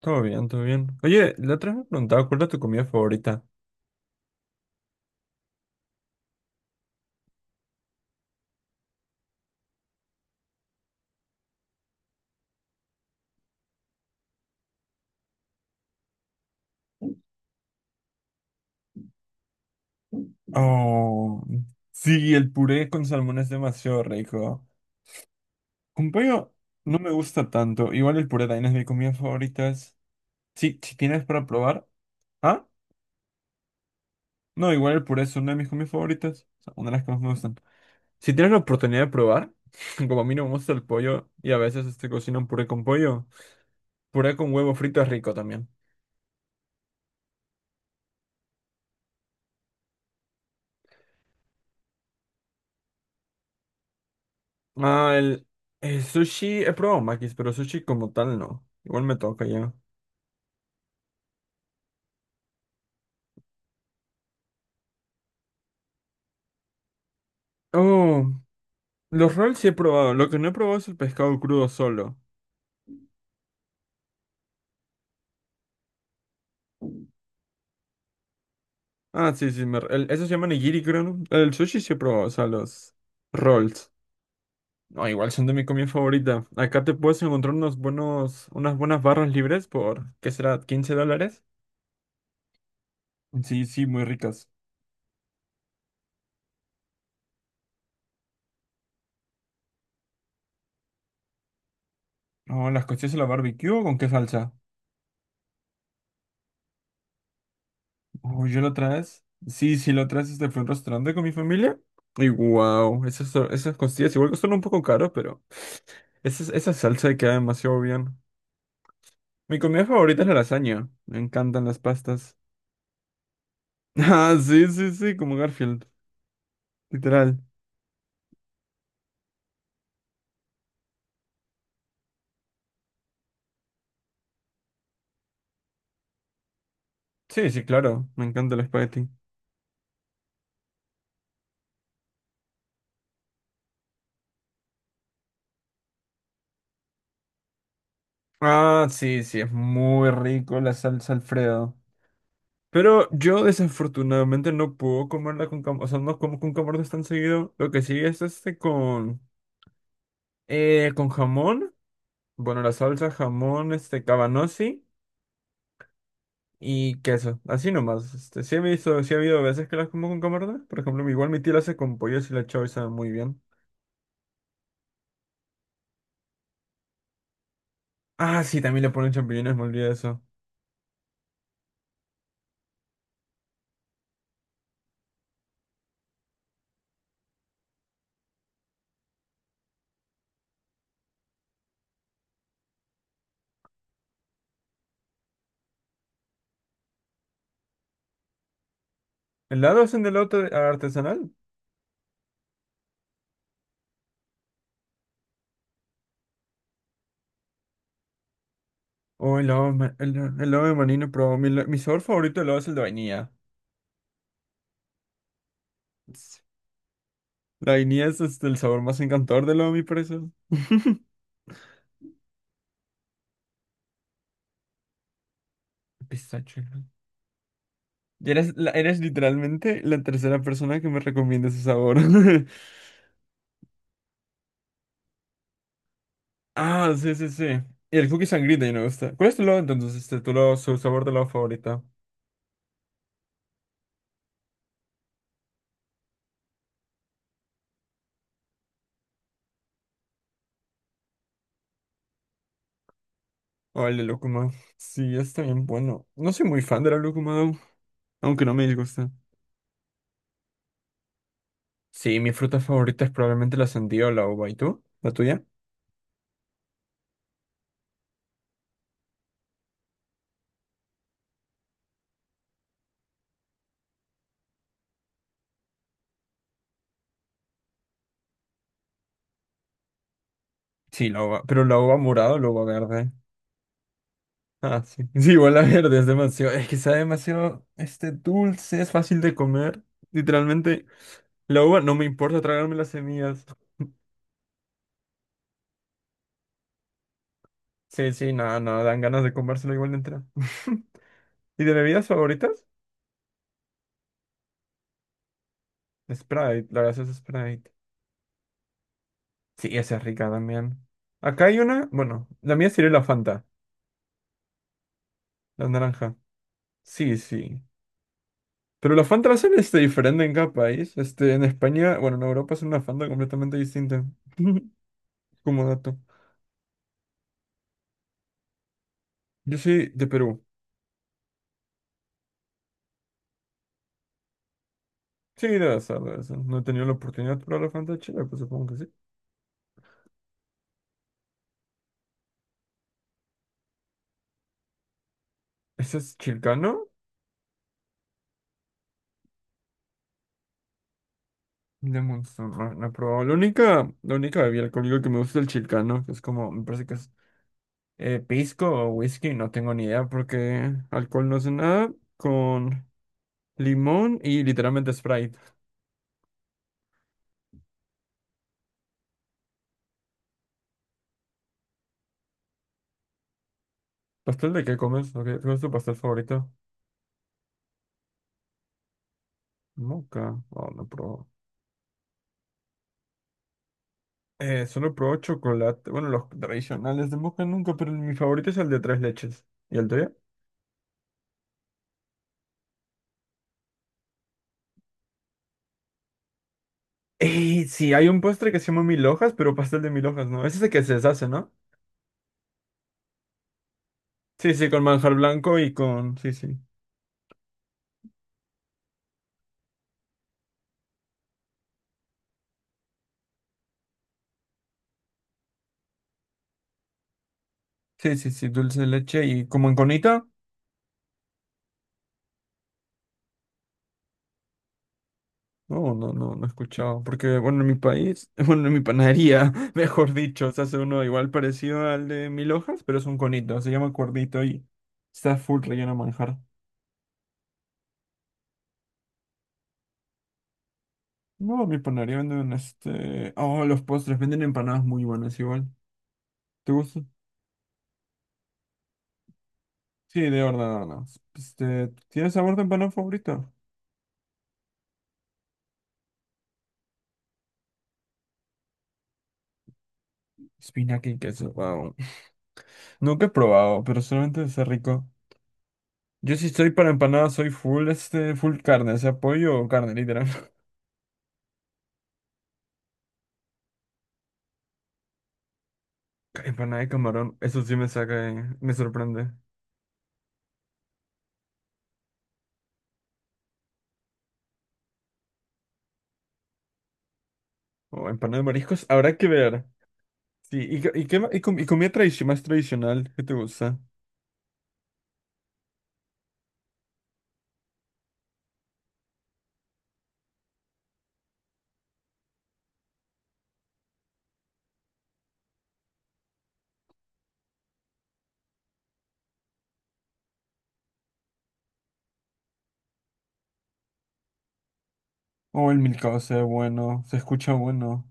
Todo bien, todo bien. Oye, la otra vez me preguntaba cuál era tu comida favorita. Oh, sí, el puré con salmón es demasiado rico. Con pollo no me gusta tanto. Igual el puré también es mi comida favorita. Sí, si tienes para probar. Ah, no, igual el puré es una de mis comidas favoritas. O sea, una de las que más me gustan. Si tienes la oportunidad de probar, como a mí no me gusta el pollo y a veces este cocinan puré con pollo, puré con huevo frito es rico también. Ah, el sushi, he probado makis, pero sushi como tal no. Igual me toca ya. Oh, los rolls sí he probado. Lo que no he probado es el pescado crudo solo. Ah, sí, sí, eso se llama nigiri, creo, ¿no? El sushi sí he probado, o sea, los rolls. No, igual son de mi comida favorita. Acá te puedes encontrar unos buenos, unas buenas barras libres por, ¿qué será?, ¿15 dólares? Sí, sí, muy ricas. Oh, ¿las costillas a la barbecue o con qué salsa? Oh, yo lo traes. Sí, sí, lo traes este fue un restaurante con mi familia. Y wow, esas costillas igual que son un poco caros, pero esa salsa queda demasiado bien. Mi comida favorita es la lasaña. Me encantan las pastas. Ah, sí, sí, sí, como Garfield, literal. Sí, sí, claro, me encanta el espagueti. Ah, sí, sí, es muy rico la salsa Alfredo. Pero yo desafortunadamente no puedo comerla con o sea, no como con camarones tan seguido. Lo que sí es este con con jamón, bueno, la salsa, jamón, este, cabanossi y queso, así nomás. Este, sí he visto, sí ha habido veces que las como con camarón. Por ejemplo, igual mi tía la hace con pollo y la chau y sabe muy bien. Ah, sí, también le ponen champiñones, me olvidé de eso. ¿Helado hacen de helado artesanal? O helado, helado de maní manino, pero mi sabor favorito de helado es el de vainilla. Es- La vainilla es este, el sabor más encantador del helado, a mi parecer. Pistacho, ¿no? Y eres literalmente la tercera persona que me recomienda ese sabor. Ah, sí, sí, sí. Y el cookie sangrita y no me gusta. ¿Cuál es tu lado entonces? Este, tu lado, su sabor de lado favorita. O el de lúcuma. Sí, está bien bueno. No soy muy fan de la lúcuma, though, aunque no me disgusta. Sí, mi fruta favorita es probablemente la sandía o la uva. ¿Y tú? ¿La tuya? Sí, la uva. Pero ¿la uva morada o la uva verde? Ah, sí. Sí, igual la verde es demasiado. Es que sabe demasiado este dulce, es fácil de comer. Literalmente, la uva no me importa tragarme las semillas. Sí, sí, nada, no, no, dan ganas de comérsela igual entera. ¿Y de bebidas favoritas? Sprite, la gaseosa Sprite. Sí, esa es rica también. Acá hay una, bueno, la mía sería la Fanta, la naranja. Sí, sí. Pero la Fanta la hacen este, diferente en cada país. Este, en España, bueno, en Europa es una Fanta completamente distinta. Como dato. Yo soy de Perú. Sí, debe ser, debe ser. No he tenido la oportunidad de probar la Fanta de Chile, pues supongo que sí. ¿Ese es chilcano? De Monster, no, no he probado. La única bebida alcohólica que me gusta es el chilcano, que es como, me parece que es pisco o whisky, no tengo ni idea porque alcohol no sé nada. Con limón y literalmente Sprite. ¿Pastel de qué comes? ¿Cuál es tu pastel favorito? Moca. Oh, no probó. Solo probó chocolate. Bueno, los tradicionales de moca nunca, pero mi favorito es el de tres leches. ¿Y el tuyo? Sí, hay un postre que se llama mil hojas, pero pastel de mil hojas, ¿no? Es ese que se deshace, ¿no? Sí, sí, con manjar blanco y con... Sí, sí. Sí, sí, sí, dulce de leche y como en conita. No, no, no, no he escuchado. Porque, bueno, en mi país, bueno, en mi panadería, mejor dicho, se hace uno igual parecido al de mil hojas, pero es un conito, se llama cuernito y está full relleno de manjar. No, en mi panadería venden este. Oh, los postres, venden empanadas muy buenas igual. ¿Te gusta? Sí, de horneadas. Este, ¿tienes sabor de empanada favorito? Espinaca y queso, wow. Nunca he probado, pero solamente es rico. Yo si estoy para empanadas, soy full, este, full carne, o sea, pollo o carne, literal. Empanada de camarón, eso sí me saca, me sorprende. O empanada de mariscos, habrá que ver. Sí, y, qué ma- y com- y comida más tradicional, ¿qué te gusta? Oh, el milcao se ve bueno, se escucha bueno.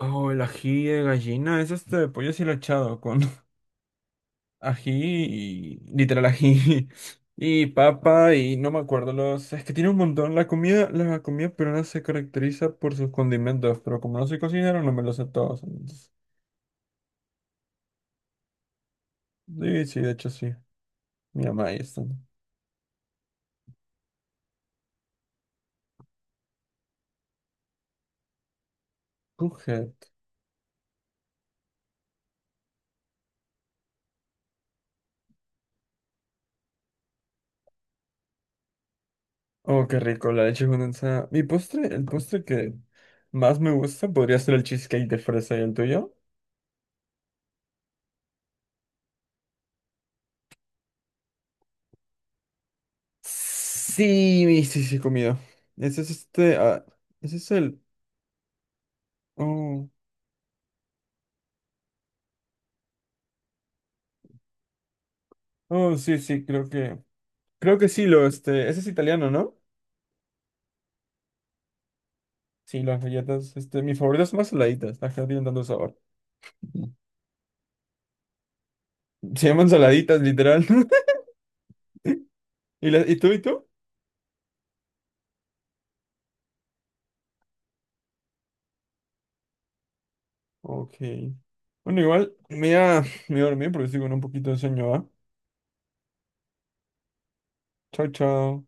Oh, el ají de gallina, es este pollo deshilachado con ají y literal ají y papa y no me acuerdo los. Es que tiene un montón. La comida peruana se caracteriza por sus condimentos, pero como no soy cocinero, no me los sé todos. Sí, sí, de hecho sí. Mi mamá ahí está, ¿no? Cujat. Oh, qué rico, la leche condensada. El postre que más me gusta podría ser el cheesecake de fresa y el tuyo. Sí, sí, sí, he comido. Ese es este, ah, ese es el, oh, oh, sí, sí, creo que sí, ese es italiano, ¿no? Sí, las galletas, este, mis favoritas son más saladitas, las que no tienen tanto sabor. Se llaman saladitas, literal. ¿Y tú? Ok. Bueno, igual, me voy a dormir porque estoy con un poquito de sueño, ¿va? Chao, chao.